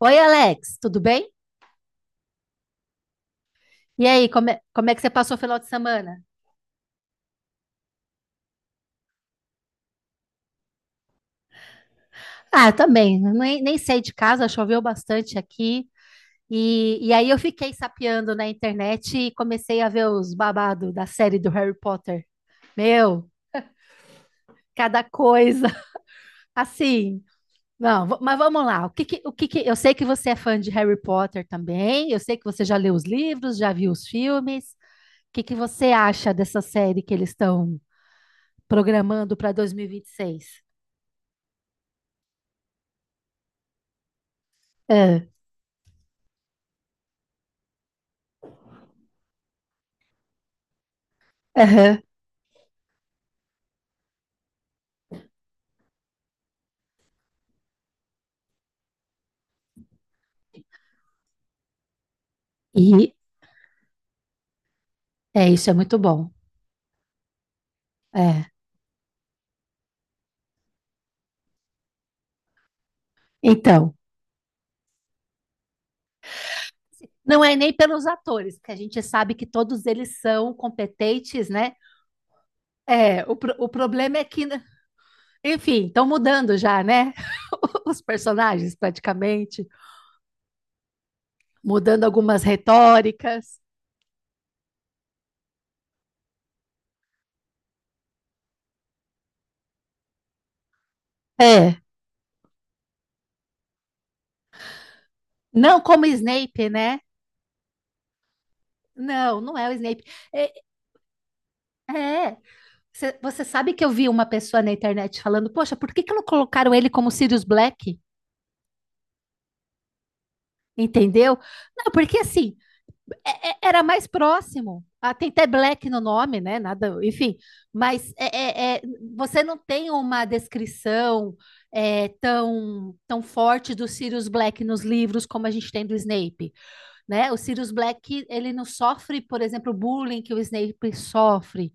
Oi, Alex, tudo bem? E aí, como é que você passou o final de semana? Ah, eu também, nem saí de casa, choveu bastante aqui. E aí eu fiquei sapeando na internet e comecei a ver os babados da série do Harry Potter. Meu, cada coisa, assim. Não, mas vamos lá. Eu sei que você é fã de Harry Potter também, eu sei que você já leu os livros, já viu os filmes. O que que você acha dessa série que eles estão programando para dois mil e vinte e seis? Aham. E é isso, é muito bom. É. Então, não é nem pelos atores, porque a gente sabe que todos eles são competentes, né? É, o problema é que, né, enfim, estão mudando já, né? Os personagens, praticamente, mudando algumas retóricas. É, não como Snape, né? Não, não é o Snape. É, é. Você sabe que eu vi uma pessoa na internet falando, poxa, por que que não colocaram ele como Sirius Black? Entendeu? Não, porque assim, era mais próximo. Ah, tem até black no nome, né? Nada, enfim. Mas é, é- é, você não tem uma descrição tão, tão forte do Sirius Black nos livros como a gente tem do Snape, né? O Sirius Black, ele não sofre, por exemplo, o bullying que o Snape sofre.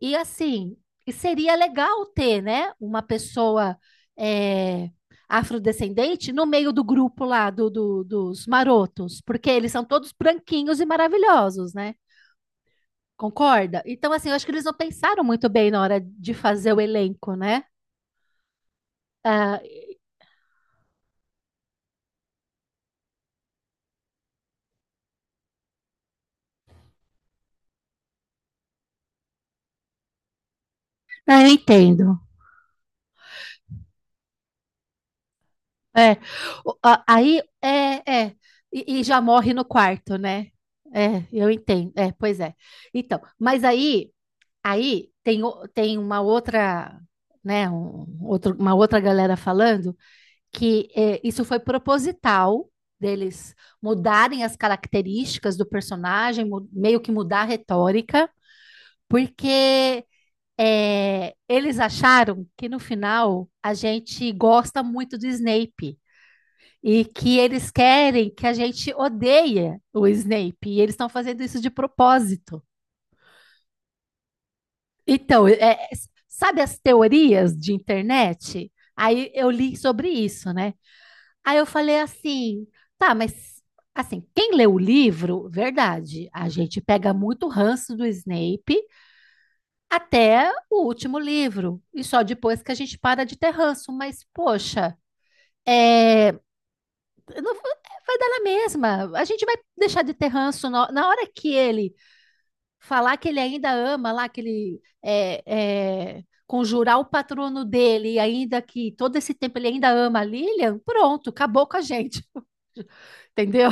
E assim, seria legal ter, né, uma pessoa é, afrodescendente no meio do grupo lá dos marotos, porque eles são todos branquinhos e maravilhosos, né? Concorda? Então, assim, eu acho que eles não pensaram muito bem na hora de fazer o elenco, né? Ah, não, eu entendo. É. Aí é. E já morre no quarto, né? É, eu entendo. É, pois é. Então, mas aí tem uma outra, né, um, outro, uma outra galera falando que isso foi proposital deles mudarem as características do personagem, meio que mudar a retórica, porque eles acharam que no final a gente gosta muito do Snape e que eles querem que a gente odeie o Snape, e eles estão fazendo isso de propósito. Então, sabe as teorias de internet? Aí eu li sobre isso, né? Aí eu falei assim, tá, mas assim, quem lê o livro, verdade, a gente pega muito ranço do Snape até o último livro, e só depois que a gente para de ter ranço, mas poxa, é, não- vai dar na mesma. A gente vai deixar de ter ranço na hora que ele falar que ele ainda ama lá, que ele conjurar o patrono dele, e ainda que todo esse tempo ele ainda ama a Lilian, pronto, acabou com a gente, entendeu?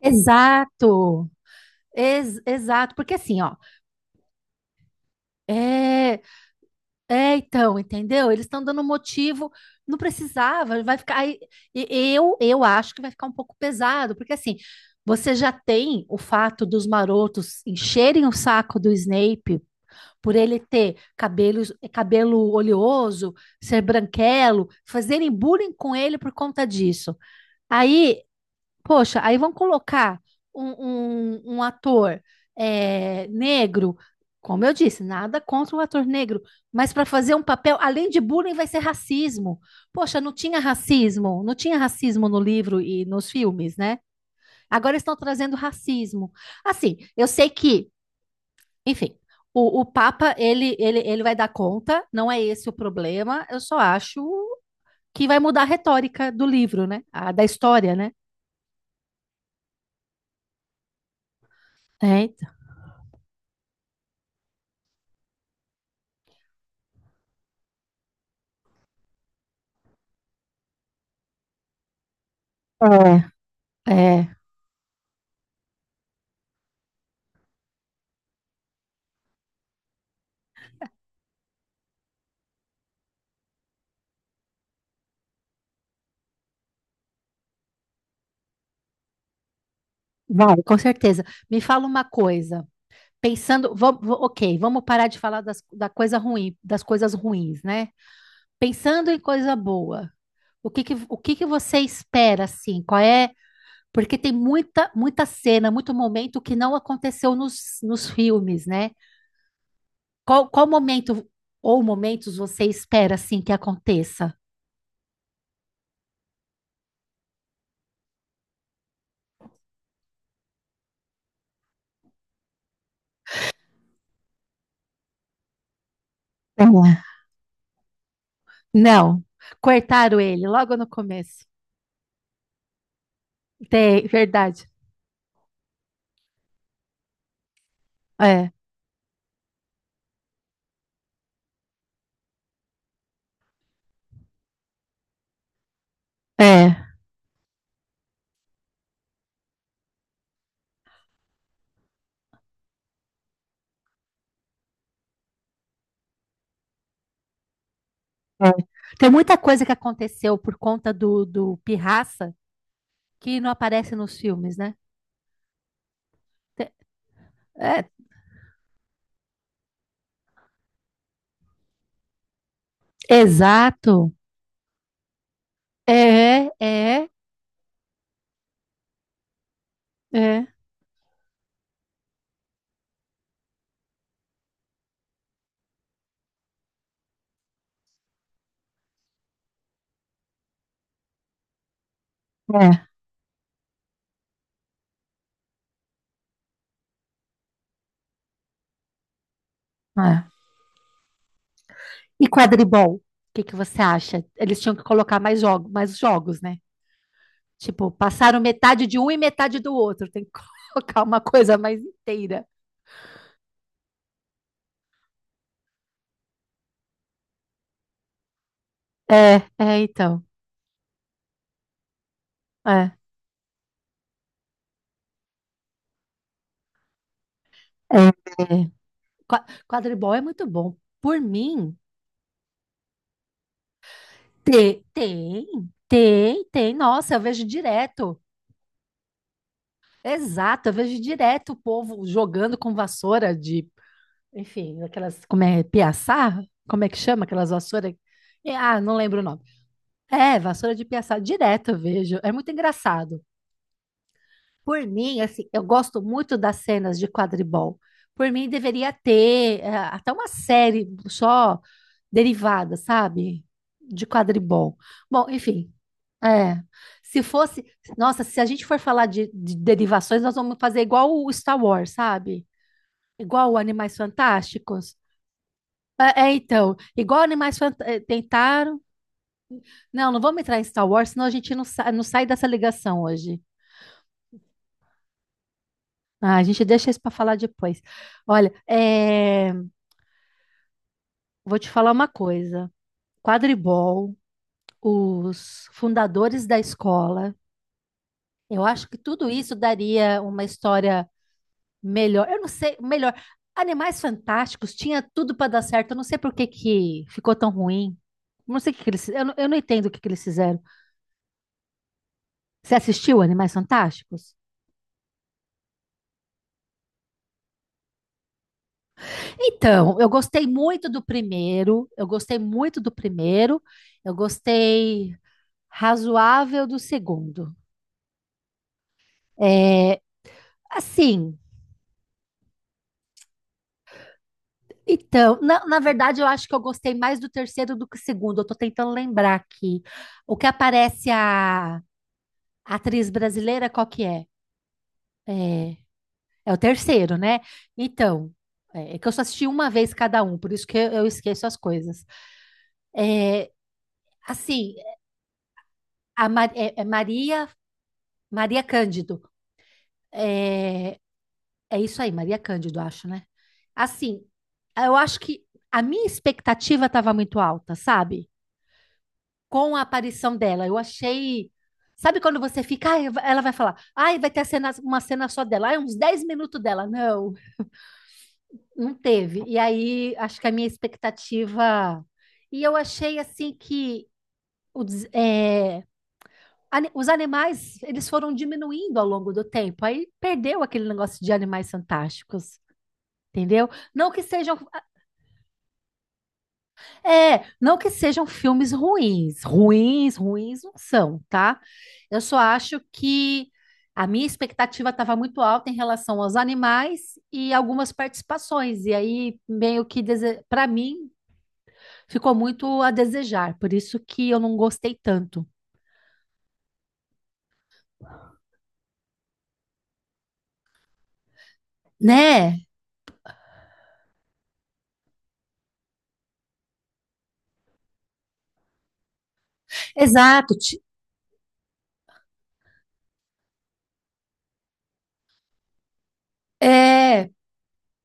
Exato. Exato, porque assim, ó, é, então, entendeu? Eles estão dando motivo, não precisava, vai ficar, aí, e- eu acho que vai ficar um pouco pesado, porque assim, você já tem o fato dos marotos encherem o saco do Snape por ele ter cabelo oleoso, ser branquelo, fazerem bullying com ele por conta disso. Aí, poxa, aí vão colocar um ator negro, como eu disse, nada contra o ator negro, mas para fazer um papel, além de bullying, vai ser racismo. Poxa, não tinha racismo, não tinha racismo no livro e nos filmes, né? Agora estão trazendo racismo. Assim, eu sei que enfim, o Papa, ele vai dar conta, não é esse o problema, eu só acho que vai mudar a retórica do livro, né? Da história, né? É, então. É, é, vai, com certeza. Me fala uma coisa, pensando, ok, vamos parar de falar das, da coisa ruim, das coisas ruins, né? Pensando em coisa boa, o que que você espera, assim? Qual é? Porque tem muita, muita cena, muito momento que não aconteceu nos filmes, né? Qual momento ou momentos você espera assim que aconteça? É. Não, cortaram ele logo no começo. Tem, verdade. É. É, é. Tem muita coisa que aconteceu por conta do Pirraça que não aparece nos filmes, né? Te- é, exato. É. É, é. E quadribol? O que que você acha? Eles tinham que colocar mais jogos, né? Tipo, passaram metade de um e metade do outro. Tem que colocar uma coisa mais inteira. Então. É. é. é. Quadribol é muito bom. Por mim, tem, tem, tem. Nossa, eu vejo direto. Exato, eu vejo direto o povo jogando com vassoura de, enfim, aquelas, como é, piaçá? Como é que chama aquelas vassouras? Ah, não lembro o nome. É, vassoura de piaçá, direto eu vejo. É muito engraçado. Por mim, assim, eu gosto muito das cenas de quadribol. Por mim, deveria ter até uma série só derivada, sabe? De quadribol. Bom, enfim. É. Se fosse. Nossa, se a gente for falar de derivações, nós vamos fazer igual o Star Wars, sabe? Igual o Animais Fantásticos. Então, igual Animais Fantásticos. Tentaram. Não, não vamos entrar em Star Wars, senão a gente não sai dessa ligação hoje. Ah, a gente deixa isso para falar depois. Olha, vou te falar uma coisa. Quadribol, os fundadores da escola, eu acho que tudo isso daria uma história melhor. Eu não sei, melhor. Animais Fantásticos tinha tudo para dar certo. Eu não sei por que que ficou tão ruim. Não sei o que que eles, eu não entendo o que que eles fizeram. Você assistiu Animais Fantásticos? Então, eu gostei muito do primeiro. Eu gostei muito do primeiro. Eu gostei razoável do segundo. É, assim, então, na verdade, eu acho que eu gostei mais do terceiro do que o segundo. Eu tô tentando lembrar aqui. O que aparece a atriz brasileira, qual que é? É, é o terceiro, né? Então, é que eu só assisti uma vez cada um, por isso que eu esqueço as coisas. É, assim, a Maria, Maria Cândido. É, É isso aí, Maria Cândido, acho, né? Assim, eu acho que a minha expectativa estava muito alta, sabe? Com a aparição dela, eu achei. Sabe quando você fica, "Ai, ela vai falar, ai, vai ter uma cena só dela, ai, uns 10 minutos dela. Não, não teve. E aí, acho que a minha expectativa. E eu achei, assim, que o des- é, ani- os animais, eles foram diminuindo ao longo do tempo. Aí perdeu aquele negócio de animais fantásticos, entendeu? Não que sejam não que sejam filmes ruins, ruins, ruins não são, tá? Eu só acho que a minha expectativa estava muito alta em relação aos animais e algumas participações, e aí meio que para mim ficou muito a desejar, por isso que eu não gostei tanto, né? Exato. É.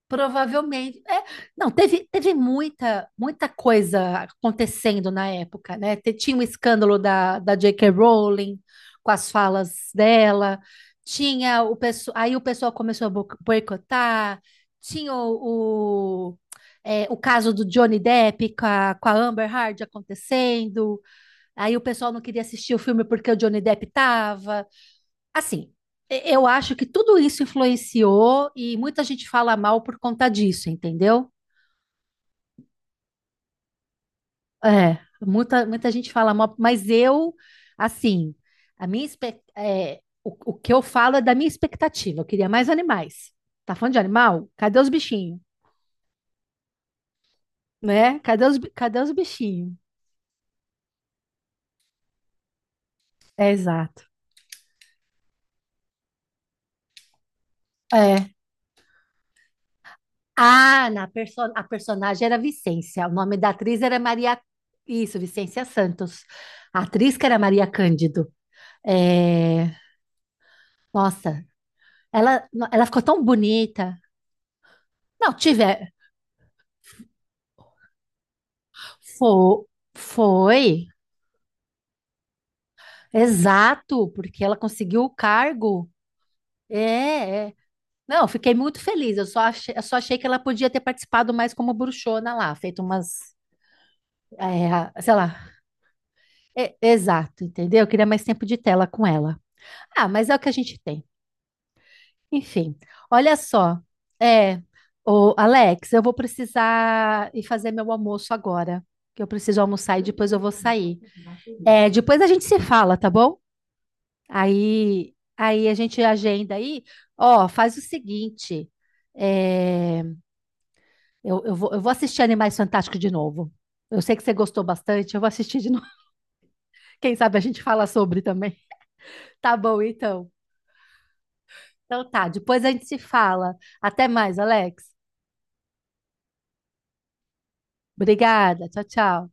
Provavelmente. É, não, teve muita, muita coisa acontecendo na época, né? Tinha o escândalo da JK Rowling com as falas dela, tinha o pessoal, aí o pessoal começou a boicotar, tinha o caso do Johnny Depp com com a Amber Heard acontecendo, aí o pessoal não queria assistir o filme porque o Johnny Depp estava assim, eu acho que tudo isso influenciou e muita gente fala mal por conta disso, entendeu? É, muita, muita gente fala mal, mas eu, assim, a minha, espe- é, o que eu falo é da minha expectativa. Eu queria mais animais. Tá falando de animal? Cadê os bichinhos? Né? Cadê os bichinhos? É, exato. É. Ah, na perso a personagem era Vicência. O nome da atriz era Maria. Isso, Vicência Santos. A atriz que era Maria Cândido. É, nossa, ela ficou tão bonita. Não, tiver. Foi, foi, exato, porque ela conseguiu o cargo. É. Não, eu fiquei muito feliz. Eu só achei que ela podia ter participado mais como bruxona lá, feito umas. Sei lá. É, exato, entendeu? Eu queria mais tempo de tela com ela. Ah, mas é o que a gente tem. Enfim, olha só. É, ô, Alex, eu vou precisar ir fazer meu almoço agora. Que eu preciso almoçar e depois eu vou sair. Depois a gente se fala, tá bom? Aí, a gente agenda aí. Ó, faz o seguinte. é, eu vou assistir Animais Fantásticos de novo. Eu sei que você gostou bastante, eu vou assistir de novo. Quem sabe a gente fala sobre também. Tá bom, então. Então tá, depois a gente se fala. Até mais, Alex. Obrigada. Tchau, tchau.